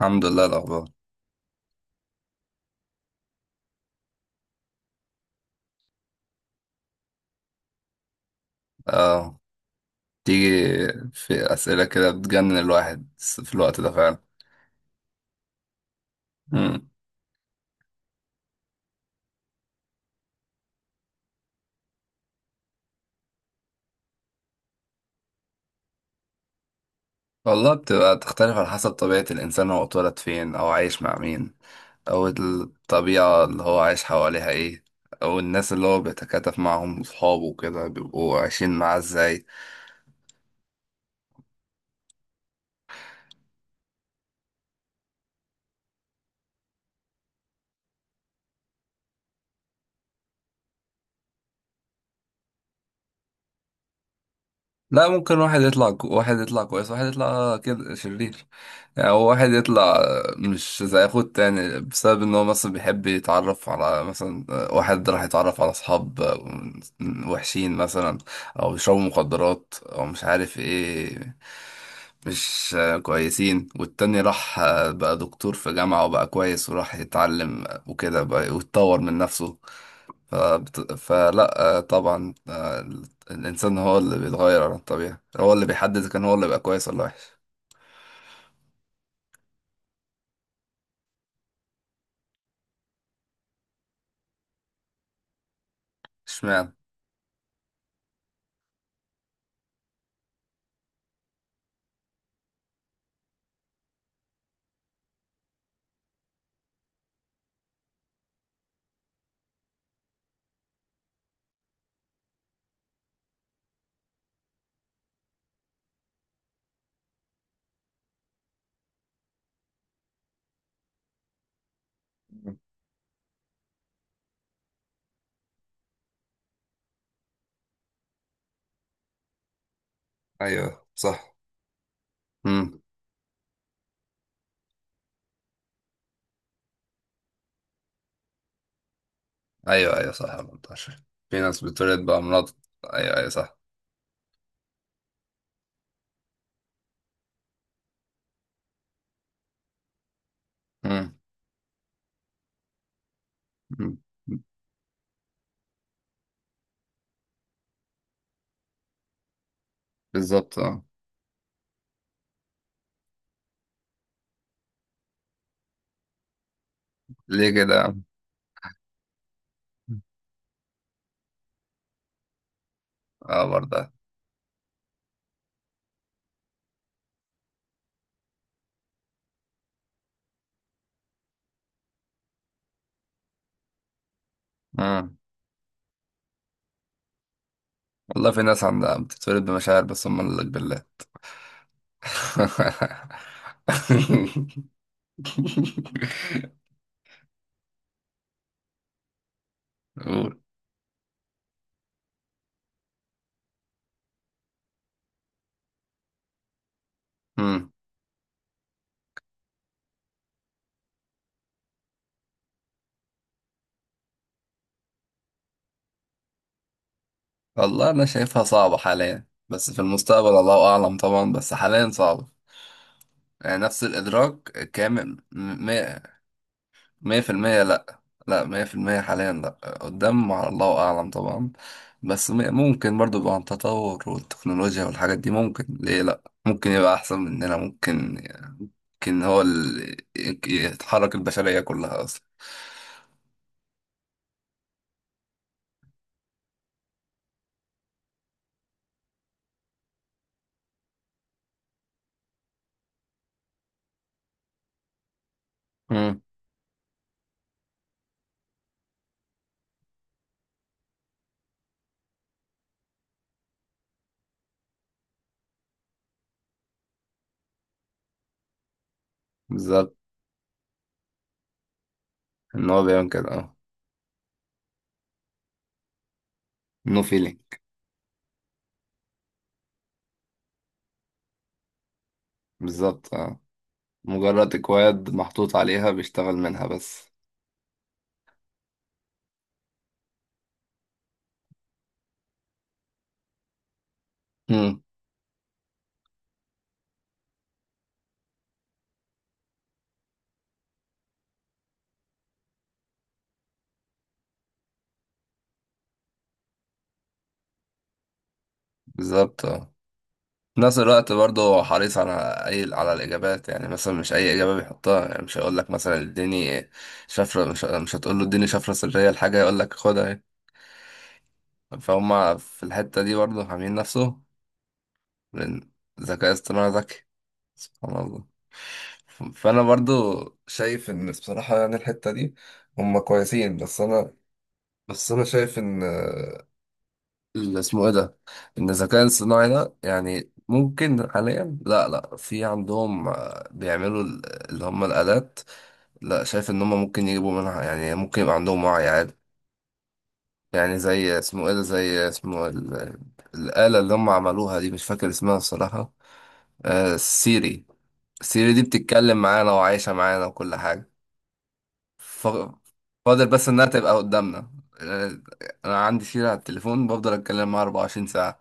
الحمد لله الأخبار. اه، تيجي في أسئلة كده بتجنن الواحد في الوقت ده فعلا. مم. والله بتبقى تختلف على حسب طبيعة الإنسان، هو اتولد فين أو عايش مع مين، أو الطبيعة اللي هو عايش حواليها إيه، أو الناس اللي هو بيتكاتف معاهم صحابه وكده بيبقوا عايشين معاه إزاي. لا، ممكن واحد يطلع واحد يطلع كويس واحد يطلع كده شرير. يعني هو واحد يطلع مش زي اخوه التاني بسبب ان هو مثلا بيحب يتعرف على مثلا، واحد راح يتعرف على اصحاب وحشين مثلا، او بيشربوا مخدرات او مش عارف ايه، مش كويسين. والتاني راح بقى دكتور في جامعة وبقى كويس وراح يتعلم وكده بقى ويتطور من نفسه. فبت... فلا آه، طبعا، الإنسان هو اللي بيتغير عن الطبيعة، هو اللي بيحدد إذا كان هو اللي بقى كويس ولا وحش. اشمعنى؟ ايوه صح. امم. ايوه ايوه صح. 14. في ناس بتولد بأمراض. ايوه ايوه صح. امم. أمم. بالظبط اه. ليه كده يا عم؟ اه برضه. امم. والله في ناس عندها بتتولد بمشاعر بس هم اللي بالله. قول. أمم. والله أنا شايفها صعبة حاليا، بس في المستقبل الله أعلم طبعا، بس حاليا صعبة. يعني نفس الإدراك كامل، مية مية في المية لأ. لأ، مية في المية حاليا لأ. قدام على الله أعلم طبعا، بس ممكن برضو، يبقى عن التطور والتكنولوجيا والحاجات دي ممكن، ليه لأ، ممكن يبقى أحسن مننا، ممكن يمكن هو اللي يتحرك البشرية كلها أصلا. مم. بالظبط. إن هو بيعمل كده أه. نو فيلينج. بالظبط اه. مجرد اكواد محطوط عليها بيشتغل منها بس. امم. بالظبط آه. في نفس الوقت برضه هو حريص على اي، على الاجابات، يعني مثلا مش اي اجابه بيحطها. يعني مش هيقول لك مثلا اديني شفره، مش هتقول له اديني شفره سريه لحاجه يقول لك خدها. اهي فهم في الحته دي برضه، حامين نفسه، لان الذكاء الاصطناعي ذكي سبحان الله. فانا برضه شايف ان بصراحه يعني الحته دي هم كويسين. بس انا شايف ان اللي اسمه ايه ده، ان الذكاء الصناعي ده يعني ممكن حاليا، لا في عندهم آه، بيعملوا اللي هم الآلات. لا، شايف ان هم ممكن يجيبوا منها، يعني ممكن يبقى عندهم وعي عادي. يعني زي اسمه ايه ده، زي اسمه الآلة اللي هم عملوها دي، مش فاكر اسمها الصراحة. آه سيري. سيري دي بتتكلم معانا وعايشة معانا وكل حاجة. ف- فاضل بس انها تبقى قدامنا. آه، انا عندي سيري على التليفون بفضل اتكلم معاها 24 ساعة.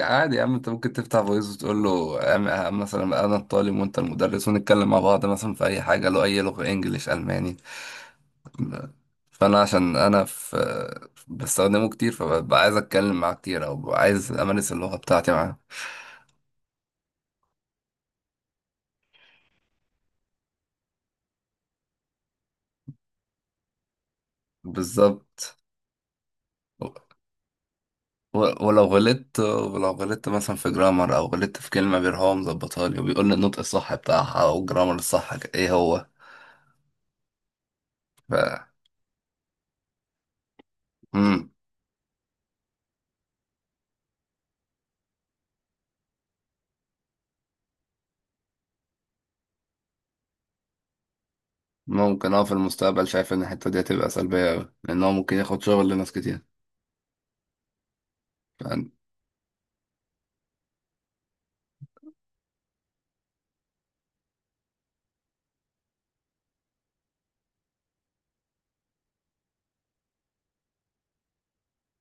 عادي يا عم انت ممكن تفتح فويس وتقول له، مثلا انا الطالب وانت المدرس ونتكلم مع بعض مثلا في اي حاجه، لو اي لغه انجليش الماني. فانا عشان انا في بستخدمه كتير، فببقى عايز اتكلم معاه كتير، او ببقى عايز امارس اللغه بتاعتي معاه. بالظبط. ولو غلطت، مثلا في جرامر او غلطت في كلمه، بيروح هو مظبطها لي وبيقول لي النطق الصح بتاعها او الجرامر الصح ايه هو. ف ممكن اه، في المستقبل شايف ان الحتة دي هتبقى سلبية أوي، لأن هو ممكن ياخد شغل لناس كتير. فأن-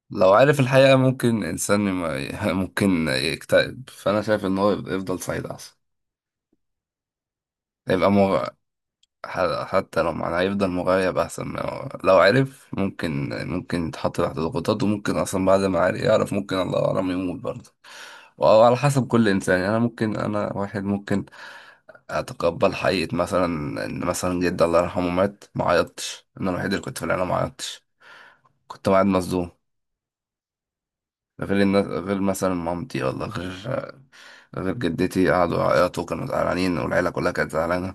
لو عارف الحقيقة ممكن إنسان ممكن يكتئب. فأنا شايف إن هو يفضل سعيد أحسن. يبقى مغ... حتى لو معناه يفضل مغيب أحسن، ما هو- لو عرف ممكن، ممكن يتحط تحت ضغوطات، وممكن أصلا بعد ما عارف يعرف ممكن الله أعلم يموت برضه. وعلى حسب كل إنسان. يعني أنا ممكن، أنا واحد ممكن أتقبل حقيقة، مثلا إن مثلا جدي الله يرحمه مات ما عيطتش. أنا الوحيد اللي كنت في العيلة ما عيطتش، كنت قاعد مصدوم. غير الناس، غير مثلا مامتي، ولا غير غير جدتي، قعدوا يعيطوا كانوا زعلانين والعيلة كلها كانت زعلانة.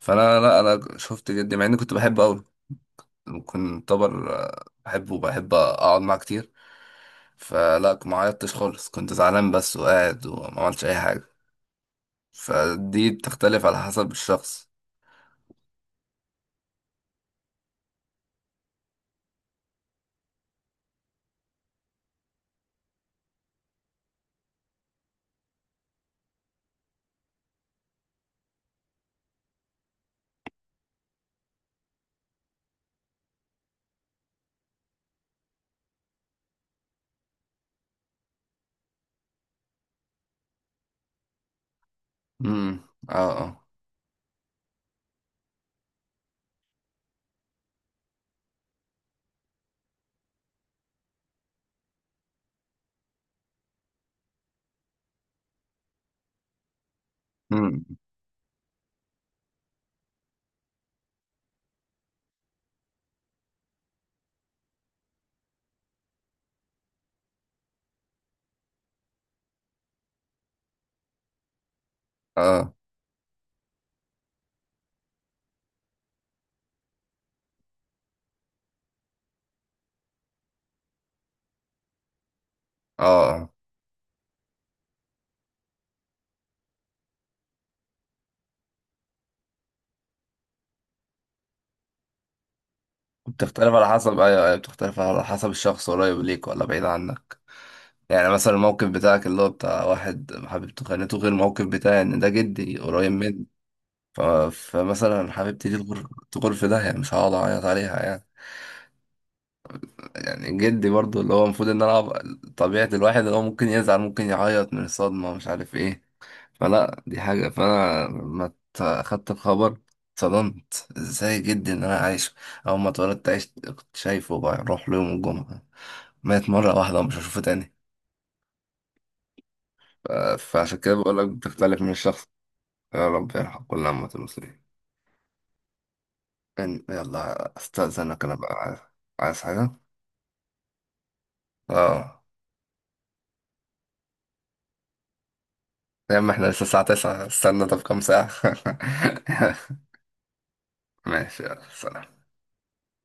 فأنا لا، أنا شفت جدي مع إني كنت بحبه أوي، كنت طبر آه، بحبه وبحب أقعد معاه كتير. فلا، ما عيطتش خالص، كنت زعلان بس وقاعد وما عملتش أي حاجة. فدي بتختلف على حسب الشخص. امم. اه. امم. اه اه آه. بتختلف على حسب، ايوه ايوه، بتختلف على حسب الشخص قريب ليك ولا بعيد عنك. يعني مثلا الموقف بتاعك اللي هو بتاع واحد حبيبته خانته، غير الموقف بتاعي ان ده جدي قريب مني. فمثلا حبيبتي دي تغر، تغر في داهية، مش هقعد اعيط عليها يعني. يعني جدي برضو اللي هو المفروض ان انا طبيعة الواحد اللي هو ممكن يزعل، ممكن يعيط من الصدمة، مش عارف ايه. فلا دي حاجة، فانا ما ت- خدت الخبر، اتصدمت ازاي، جدي ان انا عايش اول ما اتولدت عشت، كنت شايفه بروح له يوم الجمعة، مات مرة واحدة ومش هشوفه تاني. ف- فعشان كده بقول لك بتختلف من الشخص. يا رب يرحم كل أمة المسلمين. يلا استأذنك، أنا بقى عايز. عايز حاجة؟ اه. يا عم احنا لسه الساعة 9، استنى طب كام ساعة. ماشي، يلا، سلام.